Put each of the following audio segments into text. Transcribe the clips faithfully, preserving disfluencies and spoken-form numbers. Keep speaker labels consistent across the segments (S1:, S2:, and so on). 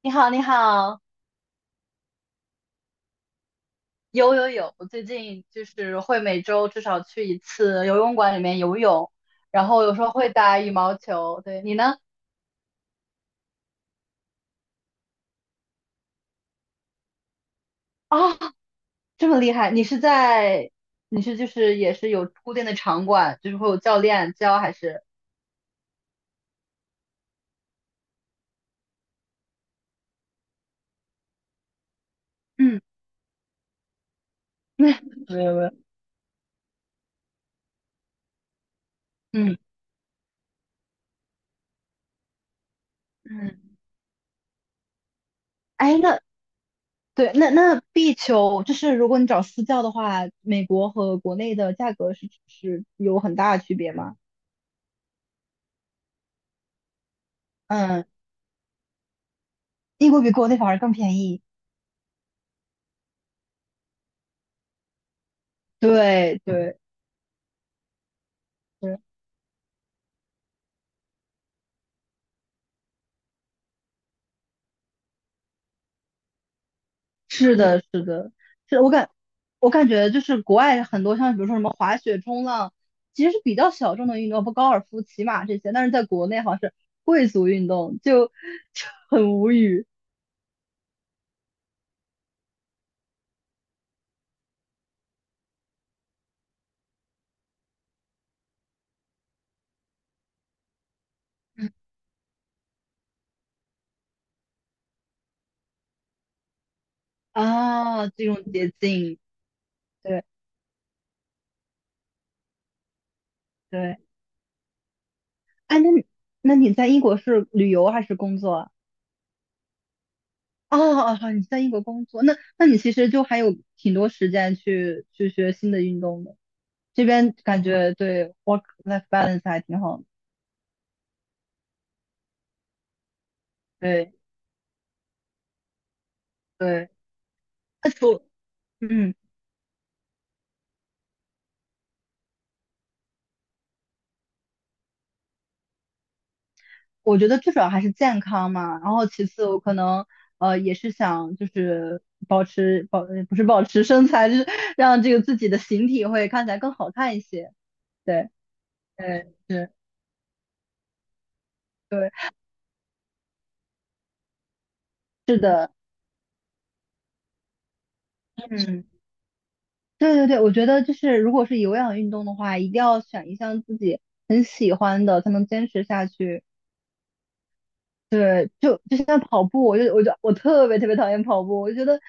S1: 你好，你好，有有有，我最近就是会每周至少去一次游泳馆里面游泳，然后有时候会打羽毛球。对，你呢？啊，这么厉害！你是在，你是就是也是有固定的场馆，就是会有教练教还是？嗯，那没有没有，嗯嗯，哎，那对，那那壁球就是如果你找私教的话，美国和国内的价格是是有很大的区别吗？嗯，英国比国内反而更便宜。对对。是是的，是的，是我感我感觉就是国外很多像比如说什么滑雪、冲浪，其实是比较小众的运动，不高尔夫、骑马这些，但是在国内好像是贵族运动，就 就很无语啊，这种捷径，对对，哎，那你那你在英国是旅游还是工作啊？哦哦，好你在英国工作，那那你其实就还有挺多时间去去学新的运动的，这边感觉对 work life balance 还挺好的，对。对，那除，嗯，我觉得最主要还是健康嘛，然后其次我可能呃也是想就是保持保，呃不是保持身材，就是 让这个自己的形体会看起来更好看一些。对，对，是，对，是的，嗯，对对对，我觉得就是如果是有氧运动的话，一定要选一项自己很喜欢的，才能坚持下去。对，就就像跑步，我就我就我特别特别讨厌跑步，我就觉得。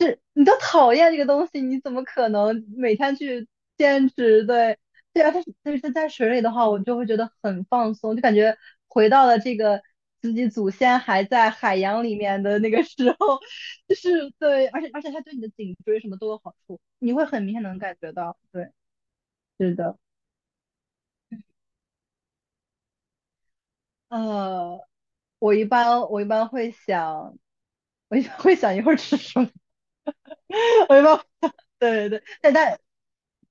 S1: 是你都讨厌这个东西，你怎么可能每天去坚持？对，对啊，但是但是在水里的话，我就会觉得很放松，就感觉回到了这个自己祖先还在海洋里面的那个时候，就是对，而且而且它对你的颈椎什么都有好处，你会很明显能感觉到。对，是的，呃，我一般我一般会想，我一般会想一会儿吃什么。没办法，对对对，但但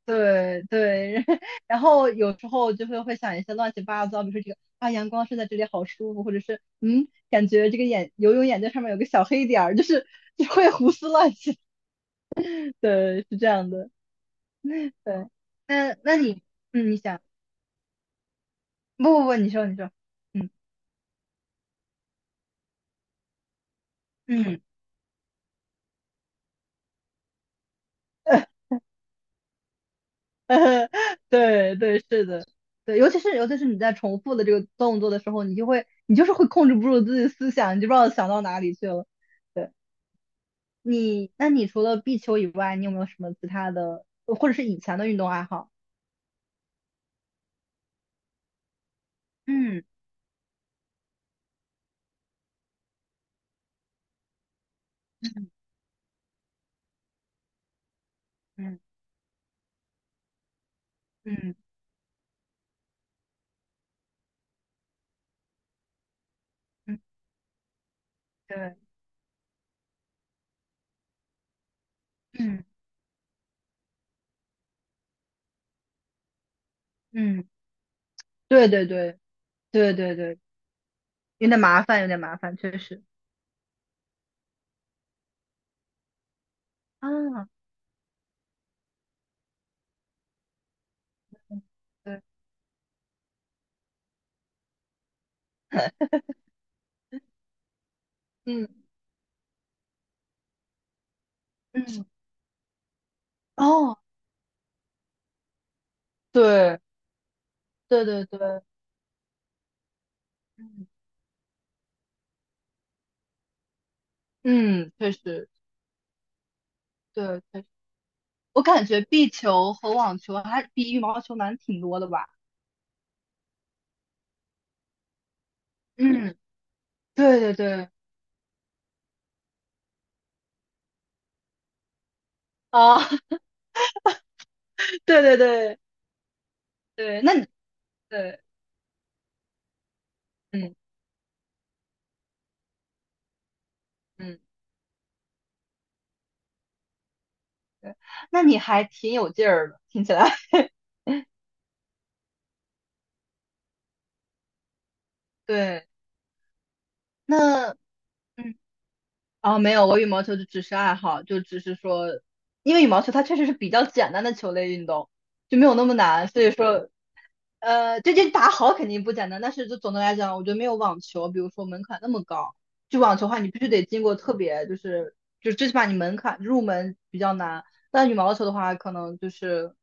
S1: 对对，然后有时候就会会想一些乱七八糟，比如说这个啊，阳光射在这里好舒服，或者是嗯，感觉这个眼游泳眼镜上面有个小黑点儿，就是就会胡思乱想。对，是这样的。对，那那你嗯，你想，不不不，你说你说，嗯嗯。对对，是的，对，尤其是尤其是你在重复的这个动作的时候，你就会你就是会控制不住自己的思想，你就不知道想到哪里去了。对你，那你除了壁球以外，你有没有什么其他的，或者是以前的运动爱好？嗯嗯嗯嗯，对，嗯嗯，对对对对对对，有点麻烦，有点麻烦，确实。啊，嗯对，嗯嗯嗯哦，对对对对，嗯嗯，确实，对。我感觉壁球和网球还比羽毛球难挺多的吧？嗯，对对对，啊，对对对对，那你对，嗯嗯，对，那你还挺有劲儿的，听起来。对，那嗯，啊，没有，我羽毛球就只是爱好，就只是说，因为羽毛球它确实是比较简单的球类运动，就没有那么难，所以说，呃，这这打好肯定不简单，但是就总的来讲，我觉得没有网球，比如说门槛那么高。就网球的话，你必须得经过特别，就是就最起码你门槛入门比较难。但羽毛球的话，可能就是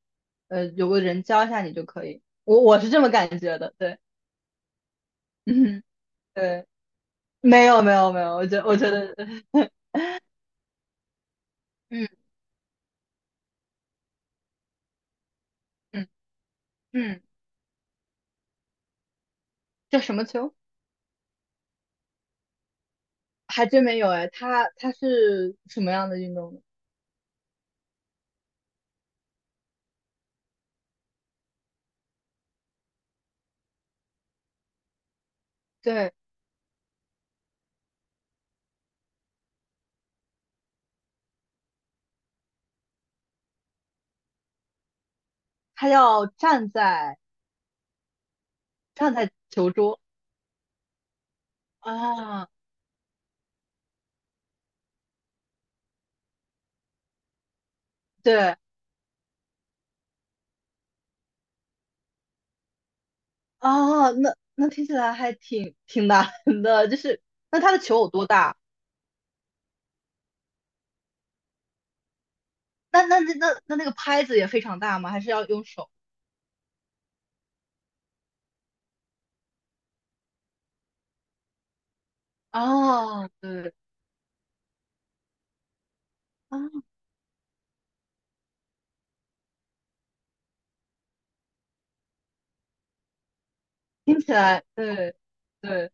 S1: 呃有个人教一下你就可以。我我是这么感觉的，对，嗯，对，没有没有没有，我觉我觉得，嗯嗯嗯，叫什么球？还真没有哎，它它是什么样的运动呢？对，它要站在站在球桌啊。对，哦，那那听起来还挺挺难的，就是那它的球有多大？那那那那那那个拍子也非常大吗？还是要用手？哦，对，啊、听起来对对，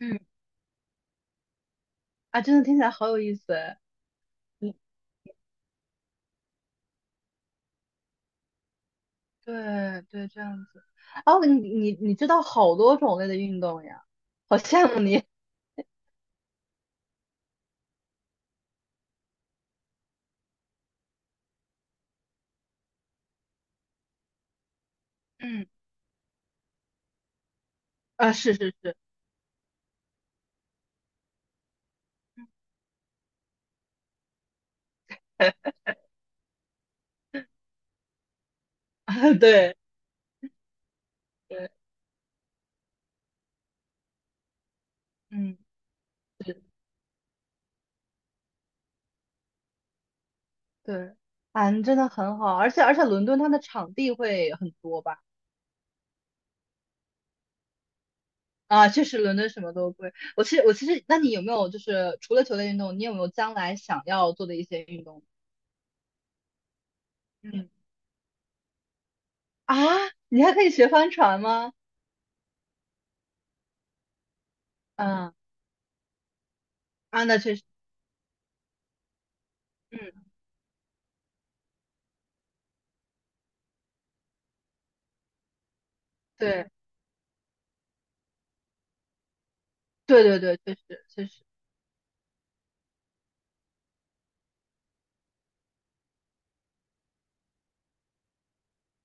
S1: 嗯，啊，真的听起来好有意思哎，嗯，对对，这样子，哦，你你你知道好多种类的运动呀，好羡慕你，嗯，啊，是是是，对对，嗯。对，嗯，真的很好，而且而且伦敦它的场地会很多吧？啊，确实伦敦什么都贵。我其实我其实，那你有没有就是除了球类运动，你有没有将来想要做的一些运动？嗯，啊，你还可以学帆船吗？嗯啊，那确实，嗯，对对对对，确实确实。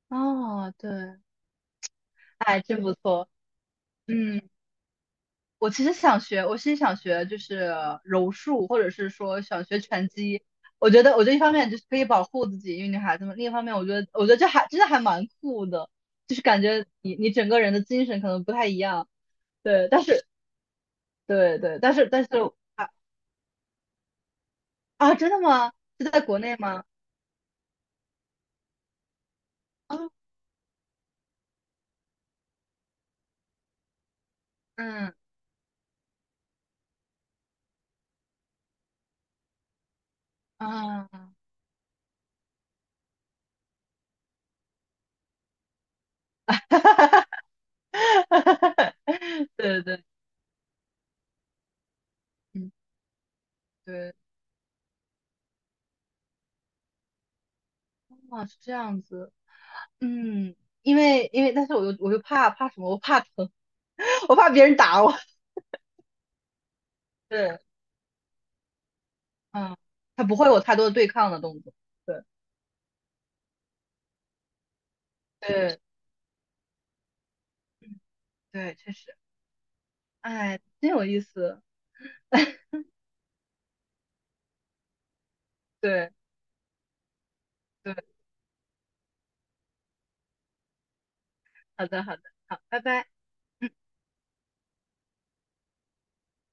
S1: 哦，对，哎，真不错，嗯。我其实想学，我其实想学就是柔术，或者是说想学拳击。我觉得，我觉得一方面就是可以保护自己，因为女孩子嘛；另一方面，我觉得，我觉得这还真的还蛮酷的，就是感觉你你整个人的精神可能不太一样。对，但是对对，但是但是啊啊，真的吗？是在国内吗？啊，嗯啊，对对对，嗯对，啊是这样子，嗯，因为因为，但是我又我又怕怕什么？我怕疼。我怕别人打我。对，嗯，他不会有太多的对抗的动作。对，对对，确实，哎，真有意思。对，对，好的，好的，好，拜拜。嗯。